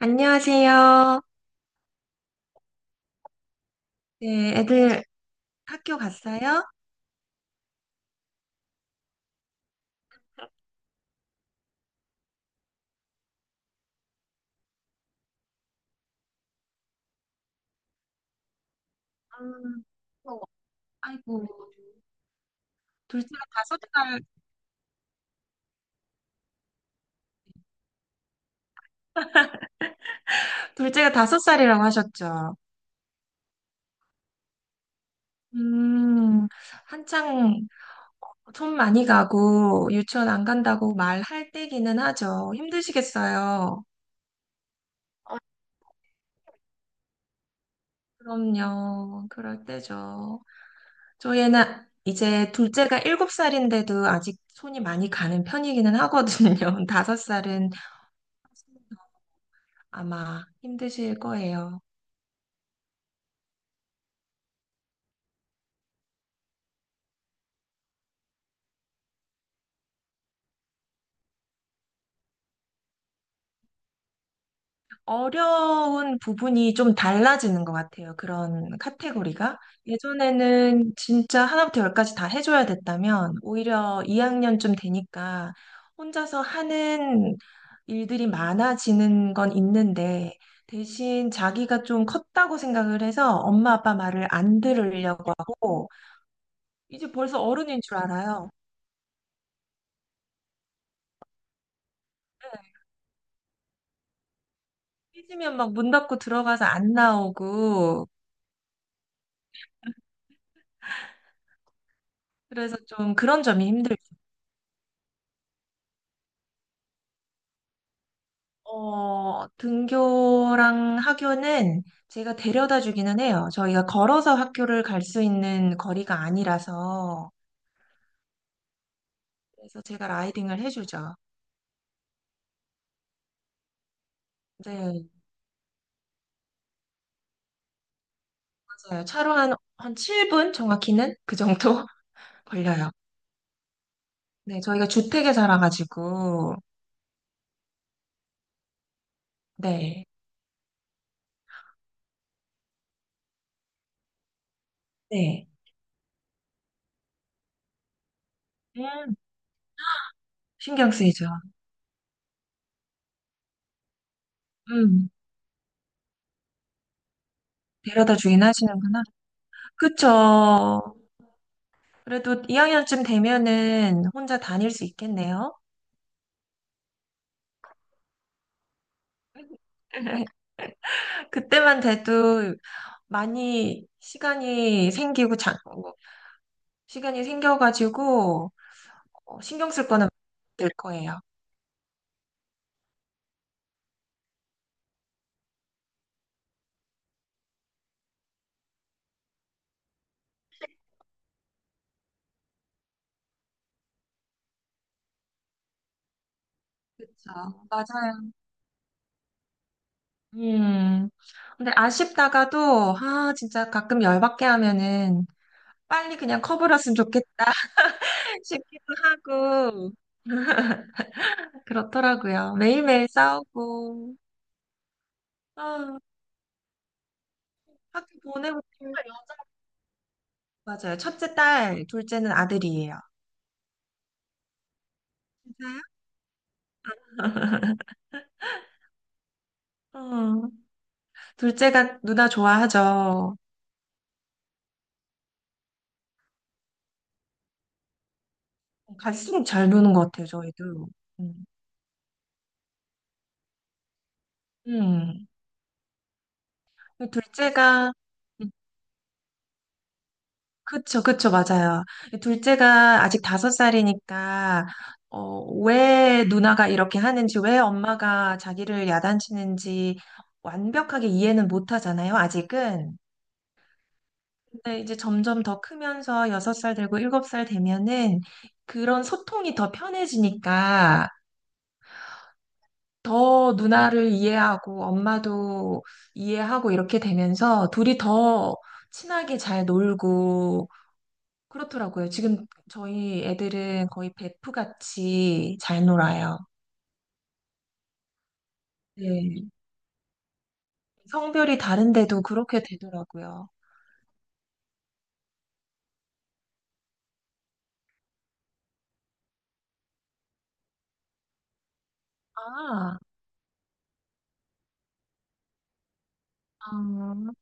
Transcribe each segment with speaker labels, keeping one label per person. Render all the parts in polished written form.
Speaker 1: 안녕하세요. 네, 애들 학교 갔어요? 음, 어, 아이고, 둘째가 5살, 둘째가 5살이라고 하셨죠? 음, 한창 손 많이 가고 유치원 안 간다고 말할 때기는 하죠. 힘드시겠어요? 그럼요. 그럴 때죠. 저희는 이제 둘째가 7살인데도 아직 손이 많이 가는 편이기는 하거든요. 5살은 아마 힘드실 거예요. 어려운 부분이 좀 달라지는 것 같아요. 그런 카테고리가. 예전에는 진짜 하나부터 열까지 다 해줘야 됐다면, 오히려 2학년쯤 되니까 혼자서 하는 일들이 많아지는 건 있는데, 대신 자기가 좀 컸다고 생각을 해서 엄마 아빠 말을 안 들으려고 하고, 이제 벌써 어른인 줄 알아요. 네, 삐지면 막 문 닫고 들어가서 안 나오고, 그래서 좀 그런 점이 힘들죠. 어, 등교랑 학교는 제가 데려다 주기는 해요. 저희가 걸어서 학교를 갈 수 있는 거리가 아니라서. 그래서 제가 라이딩을 해주죠. 네, 맞아요. 차로 한 7분? 정확히는? 그 정도 걸려요. 네, 저희가 주택에 살아가지고. 네, 네. 음, 신경 쓰이죠. 음, 데려다 주긴 하시는구나. 그쵸. 그래도 2학년쯤 되면은 혼자 다닐 수 있겠네요. 그때만 돼도 많이 시간이 생기고 장, 뭐, 시간이 생겨가지고 어, 신경 쓸 거는 될 거예요. 그렇죠. 맞아요. 음. 근데 아쉽다가도 아 진짜 가끔 열받게 하면은 빨리 그냥 커버렸으면 좋겠다 싶기도 하고 그렇더라고요. 매일매일 싸우고 아, 학교 보내고 정말 여자 맞아요. 첫째 딸, 둘째는 아들이에요. 진짜요? 음, 둘째가 누나 좋아하죠. 갈수록 잘 노는 것 같아요, 저희도. 음. 음. 둘째가, 음, 그쵸, 그쵸, 맞아요. 둘째가 아직 5살이니까, 어, 왜 누나가 이렇게 하는지, 왜 엄마가 자기를 야단치는지 완벽하게 이해는 못 하잖아요, 아직은. 근데 이제 점점 더 크면서 6살 되고 7살 되면은 그런 소통이 더 편해지니까 더 누나를 이해하고 엄마도 이해하고 이렇게 되면서 둘이 더 친하게 잘 놀고 그렇더라고요. 지금 저희 애들은 거의 베프같이 잘 놀아요. 네. 성별이 다른데도 그렇게 되더라고요. 아, 아.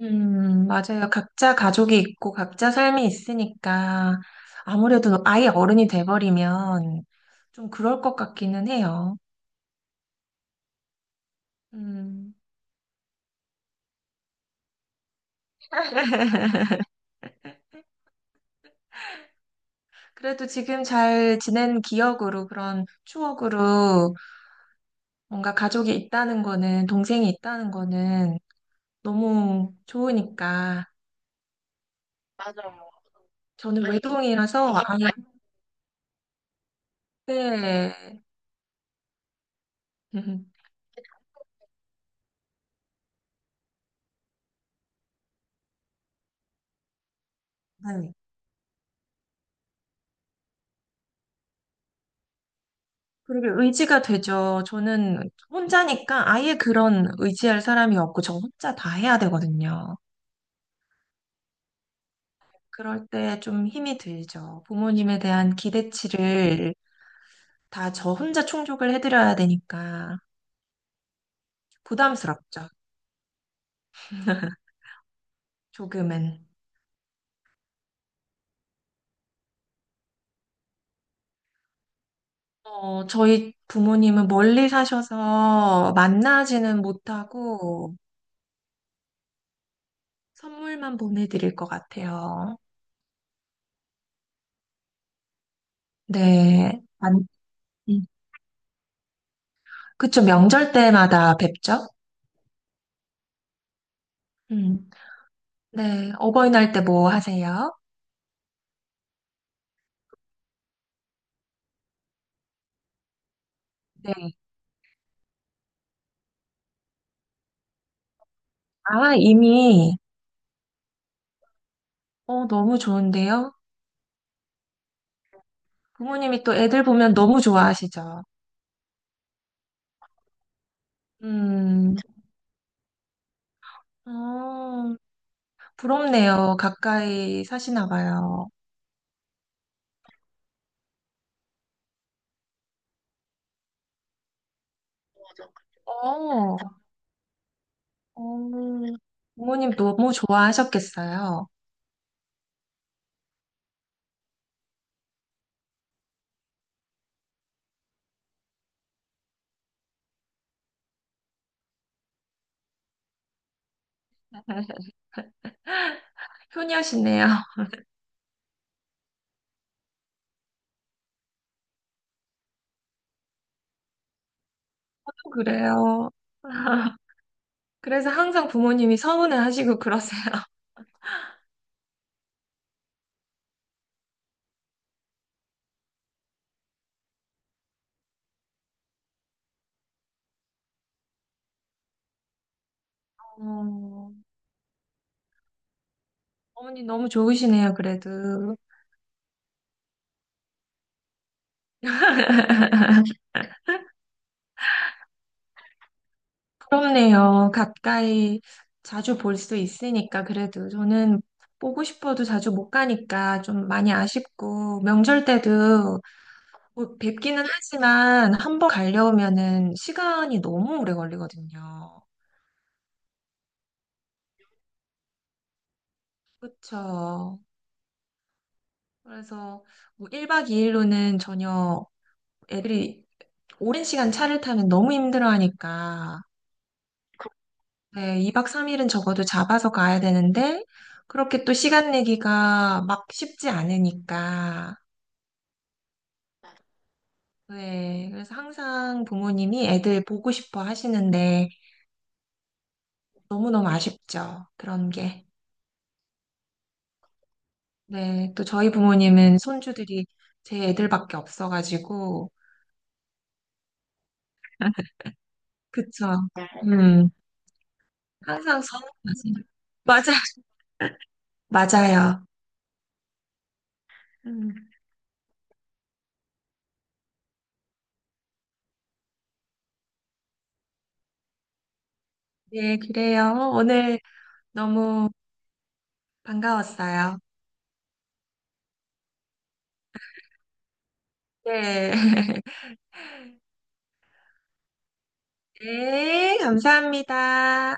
Speaker 1: 맞아요. 각자 가족이 있고 각자 삶이 있으니까 아무래도 아예 어른이 돼버리면 좀 그럴 것 같기는 해요. 음. 그래도 지금 잘 지낸 기억으로 그런 추억으로 뭔가 가족이 있다는 거는 동생이 있다는 거는 너무 좋으니까 저는 외동이라서 이게 아 네. 음, 네. 그렇게 의지가 되죠. 저는 혼자니까 아예 그런 의지할 사람이 없고 저 혼자 다 해야 되거든요. 그럴 때 좀 힘이 들죠. 부모님에 대한 기대치를 다 저 혼자 충족을 해드려야 되니까 부담스럽죠. 조금은. 어, 저희 부모님은 멀리 사셔서 만나지는 못하고 선물만 보내드릴 것 같아요. 네. 음. 그쵸, 명절 때마다 뵙죠? 음. 네. 어버이날 때 뭐 하세요? 네. 아, 이미, 어, 너무 좋은데요? 부모님이 또 애들 보면 너무 좋아하시죠? 음, 어, 부럽네요. 가까이 사시나 봐요. 어, 음, 부모님 너무 좋아하셨겠어요. 효녀시네요. 그래요. 그래서 항상 부모님이 서운해 하시고 그러세요. 어, 어머니 너무 좋으시네요, 그래도. 부럽네요. 가까이 자주 볼 수 있으니까, 그래도. 저는 보고 싶어도 자주 못 가니까 좀 많이 아쉽고, 명절 때도 뭐 뵙기는 하지만 한번 가려면은 시간이 너무 오래 걸리거든요. 그쵸. 그래서 뭐 1박 2일로는 전혀 애들이 오랜 시간 차를 타면 너무 힘들어하니까 네, 2박 3일은 적어도 잡아서 가야 되는데 그렇게 또 시간 내기가 막 쉽지 않으니까 네, 그래서 항상 부모님이 애들 보고 싶어 하시는데 너무너무 아쉽죠. 그런 게. 네, 또 저희 부모님은 손주들이 제 애들밖에 없어가지고 그쵸. 음, 항상 서운하지. 맞아. 맞아요. 음, 네, 그래요. 어, 오늘 너무 반가웠어요. 네. 네, 감사합니다.